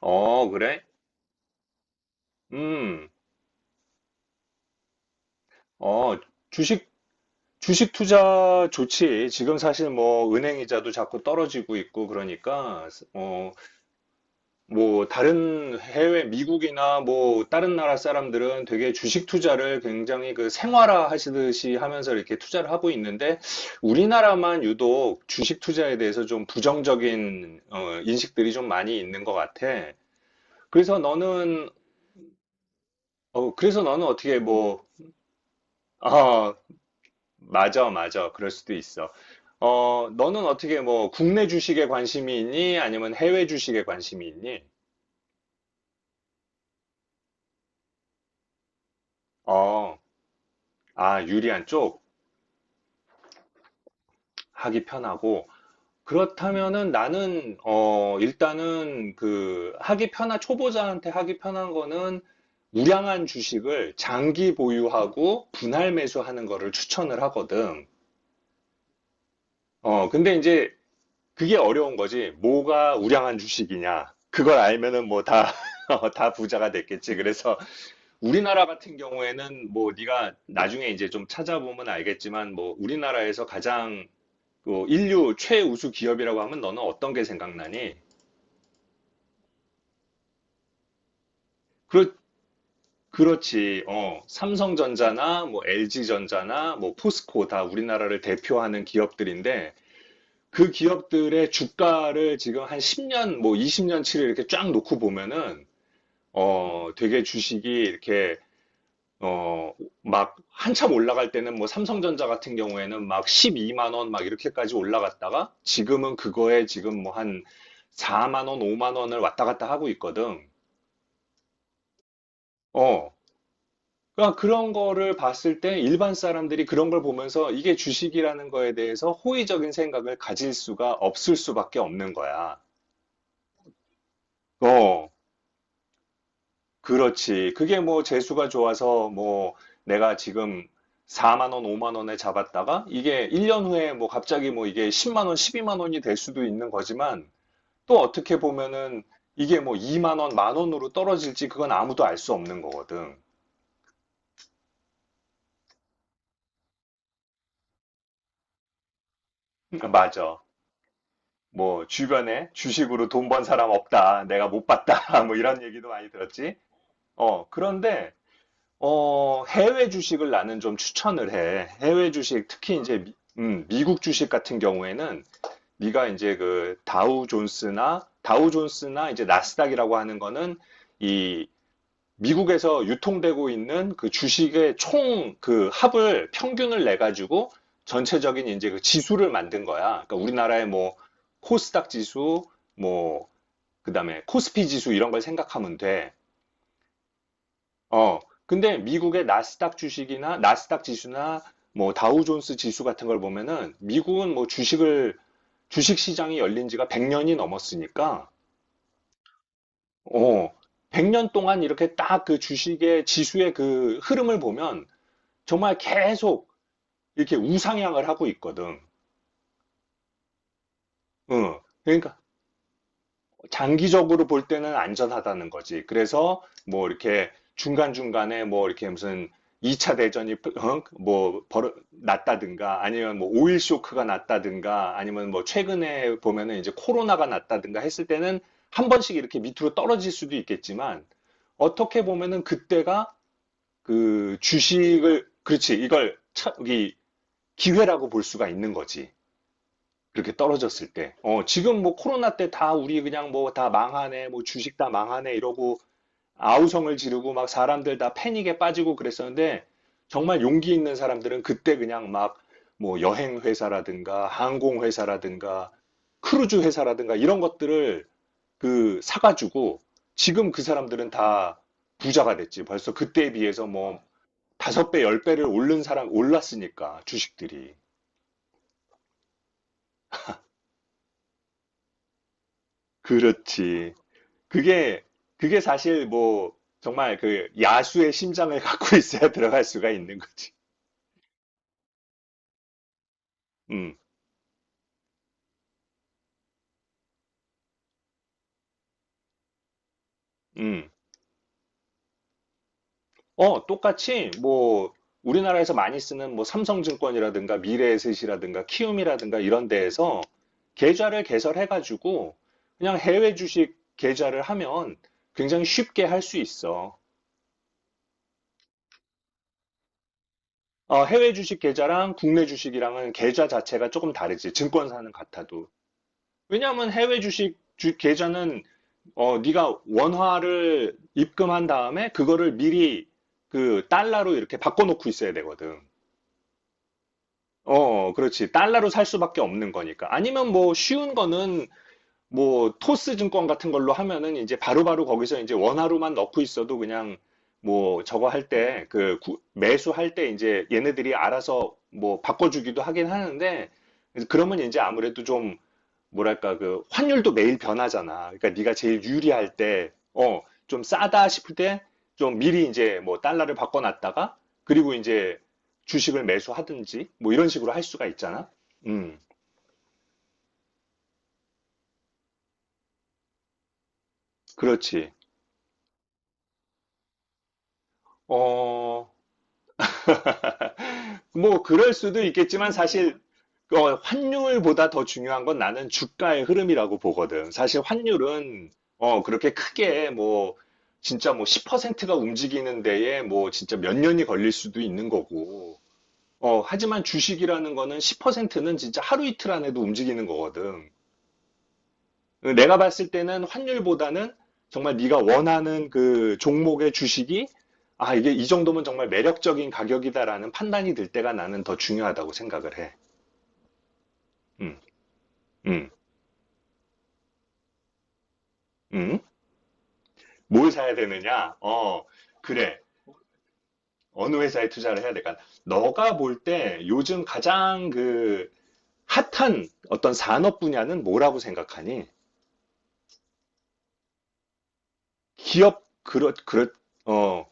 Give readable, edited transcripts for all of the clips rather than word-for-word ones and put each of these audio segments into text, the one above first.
어, 그래? 음, 어, 주식, 주식 투자 좋지. 지금 사실 뭐 은행 이자도 자꾸 떨어지고 있고 그러니까, 어, 뭐 다른 해외, 미국이나 뭐 다른 나라 사람들은 되게 주식 투자를 굉장히 그 생활화 하시듯이 하면서 이렇게 투자를 하고 있는데, 우리나라만 유독 주식 투자에 대해서 좀 부정적인, 인식들이 좀 많이 있는 것 같아. 그래서 너는, 그래서 너는 어떻게 뭐, 아, 맞아, 맞아. 그럴 수도 있어. 어, 너는 어떻게 뭐 국내 주식에 관심이 있니? 아니면 해외 주식에 관심이 있니? 어, 아, 유리한 쪽 하기 편하고. 그렇다면은 나는, 일단은 그 하기 편한, 초보자한테 하기 편한 거는 우량한 주식을 장기 보유하고 분할 매수하는 거를 추천을 하거든. 어, 근데 이제 그게 어려운 거지. 뭐가 우량한 주식이냐. 그걸 알면은 뭐 다, 다 부자가 됐겠지. 그래서 우리나라 같은 경우에는 뭐 네가 나중에 이제 좀 찾아보면 알겠지만 뭐 우리나라에서 가장 뭐 인류 최우수 기업이라고 하면 너는 어떤 게 생각나니? 그렇, 그렇지. 어, 삼성전자나 뭐 LG전자나 뭐 포스코 다 우리나라를 대표하는 기업들인데 그 기업들의 주가를 지금 한 10년, 뭐 20년치를 이렇게 쫙 놓고 보면은 되게 주식이 이렇게, 어, 막 한참 올라갈 때는 뭐 삼성전자 같은 경우에는 막 12만 원 막 이렇게까지 올라갔다가 지금은 그거에 지금 뭐 한 4만 원, 5만 원을 왔다 갔다 하고 있거든. 어. 그러니까 그런 거를 봤을 때 일반 사람들이 그런 걸 보면서 이게 주식이라는 거에 대해서 호의적인 생각을 가질 수가 없을 수밖에 없는 거야. 어. 그렇지. 그게 뭐 재수가 좋아서 뭐 내가 지금 4만 원, 5만 원에 잡았다가 이게 1년 후에 뭐 갑자기 뭐 이게 10만 원, 12만 원이 될 수도 있는 거지만 또 어떻게 보면은 이게 뭐 2만 원, 만 원으로 떨어질지 그건 아무도 알 수 없는 거거든. 맞아. 뭐 주변에 주식으로 돈 번 사람 없다. 내가 못 봤다. 뭐 이런 얘기도 많이 들었지. 어, 그런데 해외 주식을 나는 좀 추천을 해. 해외 주식, 특히 이제 미국 주식 같은 경우에는 네가 이제 그 다우 존스나 이제 나스닥이라고 하는 거는 이 미국에서 유통되고 있는 그 주식의 총 그 합을 평균을 내 가지고 전체적인 이제 그 지수를 만든 거야. 그러니까 우리나라의 뭐 코스닥 지수, 뭐 그다음에 코스피 지수 이런 걸 생각하면 돼. 어, 근데 미국의 나스닥 주식이나 나스닥 지수나 뭐 다우존스 지수 같은 걸 보면은 미국은 뭐 주식 시장이 열린 지가 100년이 넘었으니까 어, 100년 동안 이렇게 딱 그 주식의 지수의 그 흐름을 보면 정말 계속 이렇게 우상향을 하고 있거든. 응. 그러니까 장기적으로 볼 때는 안전하다는 거지. 그래서 뭐 이렇게 중간중간에 뭐 이렇게 무슨 2차 대전이 뭐 났다든가 아니면 뭐 오일 쇼크가 났다든가 아니면 뭐 최근에 보면은 이제 코로나가 났다든가 했을 때는 한 번씩 이렇게 밑으로 떨어질 수도 있겠지만 어떻게 보면은 그때가 그 주식을 그렇지 이걸 이 기회라고 볼 수가 있는 거지. 그렇게 떨어졌을 때. 어, 지금 뭐 코로나 때 다 우리 그냥 뭐 다 망하네, 뭐 주식 다 망하네 이러고 아우성을 지르고 막 사람들 다 패닉에 빠지고 그랬었는데 정말 용기 있는 사람들은 그때 그냥 막 뭐 여행 회사라든가 항공 회사라든가 크루즈 회사라든가 이런 것들을 그 사가지고 지금 그 사람들은 다 부자가 됐지. 벌써 그때에 비해서 뭐 다섯 배, 열 배를 오른 사람 올랐으니까 주식들이. 그렇지. 그게 그게 사실 뭐 정말 그 야수의 심장을 갖고 있어야 들어갈 수가 있는 거지. 음, 음. 어, 똑같이 뭐 우리나라에서 많이 쓰는 뭐 삼성증권이라든가 미래에셋이라든가 키움이라든가 이런 데에서 계좌를 개설해가지고 그냥 해외 주식 계좌를 하면 굉장히 쉽게 할 수 있어. 어, 해외 주식 계좌랑 국내 주식이랑은 계좌 자체가 조금 다르지. 증권사는 같아도. 왜냐하면 해외 주식 계좌는 네가 원화를 입금한 다음에 그거를 미리 그 달러로 이렇게 바꿔놓고 있어야 되거든. 어, 어, 그렇지. 달러로 살 수밖에 없는 거니까. 아니면 뭐 쉬운 거는 뭐 토스 증권 같은 걸로 하면은 이제 바로바로 거기서 이제 원화로만 넣고 있어도 그냥 뭐 저거 할 때 그 매수할 때 이제 얘네들이 알아서 뭐 바꿔주기도 하긴 하는데 그러면 이제 아무래도 좀 뭐랄까 그 환율도 매일 변하잖아. 그러니까 네가 제일 유리할 때, 좀 싸다 싶을 때 좀 미리 이제 뭐 달러를 바꿔놨다가 그리고 이제 주식을 매수하든지 뭐 이런 식으로 할 수가 있잖아. 음, 그렇지. 어, 뭐 그럴 수도 있겠지만 사실 환율보다 더 중요한 건 나는 주가의 흐름이라고 보거든. 사실 환율은 그렇게 크게 뭐 진짜 뭐 10%가 움직이는 데에 뭐 진짜 몇 년이 걸릴 수도 있는 거고. 어, 하지만 주식이라는 거는 10%는 진짜 하루 이틀 안에도 움직이는 거거든. 내가 봤을 때는 환율보다는 정말 네가 원하는 그 종목의 주식이 아, 이게 이 정도면 정말 매력적인 가격이다라는 판단이 들 때가 나는 더 중요하다고 생각을 해. 음, 음, 음. 뭘 사야 되느냐? 어, 그래. 어느 회사에 투자를 해야 될까? 너가 볼 때 요즘 가장 그 핫한 어떤 산업 분야는 뭐라고 생각하니? 기업 그렇 그렇 어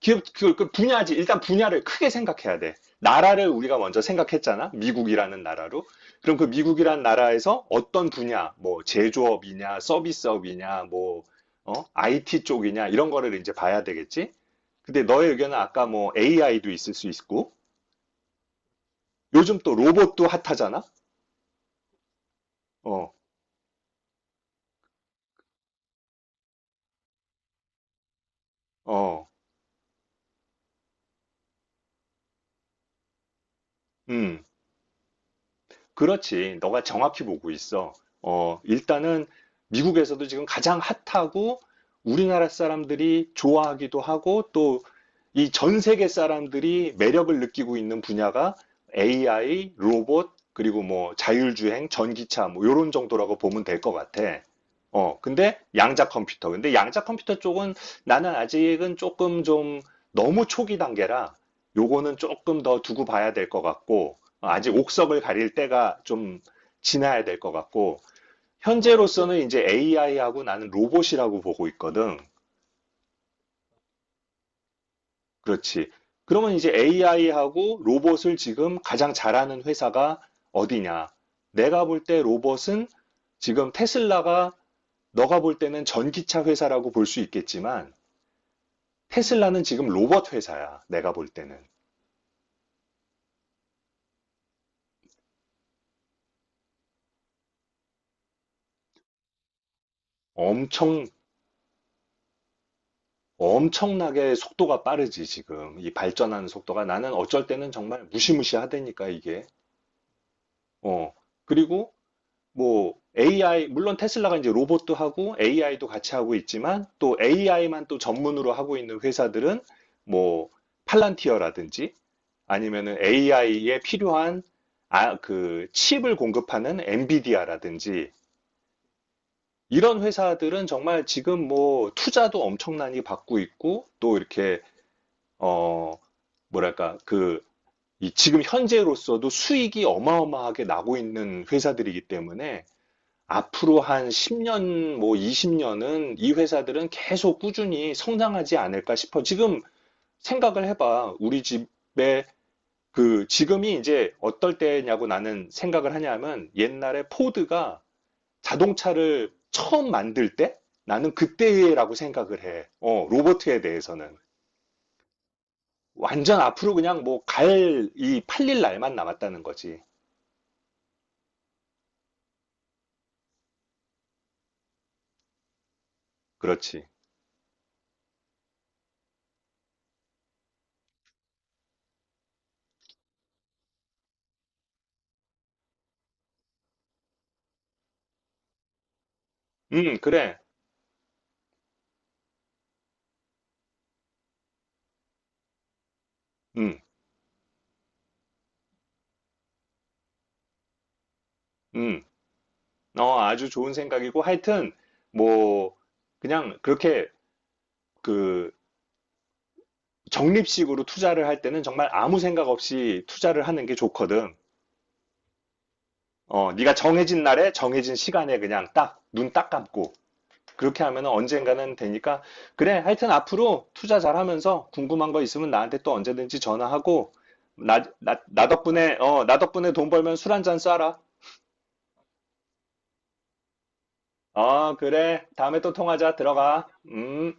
기업 그, 그 분야지 일단 분야를 크게 생각해야 돼. 나라를 우리가 먼저 생각했잖아. 미국이라는 나라로. 그럼 그 미국이라는 나라에서 어떤 분야, 뭐 제조업이냐, 서비스업이냐, 뭐 IT 쪽이냐 이런 거를 이제 봐야 되겠지. 근데 너의 의견은 아까 뭐 AI도 있을 수 있고 요즘 또 로봇도 핫하잖아. 어, 어, 음. 그렇지. 너가 정확히 보고 있어. 어, 일단은 미국에서도 지금 가장 핫하고 우리나라 사람들이 좋아하기도 하고 또 이 전 세계 사람들이 매력을 느끼고 있는 분야가 AI, 로봇, 그리고 뭐 자율주행, 전기차 뭐 요런 정도라고 보면 될 것 같아. 어, 근데 양자 컴퓨터 쪽은 나는 아직은 조금 좀 너무 초기 단계라 요거는 조금 더 두고 봐야 될 것 같고 아직 옥석을 가릴 때가 좀 지나야 될 것 같고, 현재로서는 이제 AI하고 나는 로봇이라고 보고 있거든. 그렇지. 그러면 이제 AI하고 로봇을 지금 가장 잘하는 회사가 어디냐? 내가 볼 때 로봇은 지금 테슬라가 너가 볼 때는 전기차 회사라고 볼 수 있겠지만, 테슬라는 지금 로봇 회사야. 내가 볼 때는. 엄청 엄청나게 속도가 빠르지, 지금. 이 발전하는 속도가. 나는 어쩔 때는 정말 무시무시하다니까, 이게. 어. 그리고 뭐 AI, 물론 테슬라가 이제 로봇도 하고 AI도 같이 하고 있지만 또 AI만 또 전문으로 하고 있는 회사들은 뭐 팔란티어라든지 아니면은 AI에 필요한 아, 그 칩을 공급하는 엔비디아라든지 이런 회사들은 정말 지금 뭐 투자도 엄청나게 받고 있고 또 이렇게 어, 뭐랄까, 그, 이 지금 현재로서도 수익이 어마어마하게 나고 있는 회사들이기 때문에 앞으로 한 10년, 뭐 20년은 이 회사들은 계속 꾸준히 성장하지 않을까 싶어. 지금 생각을 해봐. 우리 집에 그, 지금이 이제 어떨 때냐고 나는 생각을 하냐면 옛날에 포드가 자동차를 처음 만들 때 나는 그때라고 생각을 해. 어, 로버트에 대해서는. 완전 앞으로 그냥 뭐 이 팔릴 날만 남았다는 거지. 그렇지. 그래. 음, 음. 어, 아주 좋은 생각이고 하여튼 뭐 그냥 그렇게 그 적립식으로 투자를 할 때는 정말 아무 생각 없이 투자를 하는 게 좋거든. 어, 네가 정해진 날에 정해진 시간에 그냥 딱 눈 딱 감고 그렇게 하면 언젠가는 되니까 그래 하여튼 앞으로 투자 잘하면서 궁금한 거 있으면 나한테 또 언제든지 전화하고 나 덕분에 돈 벌면 술 한잔 쏴라. 어, 그래. 다음에 또 통하자. 들어가. 음.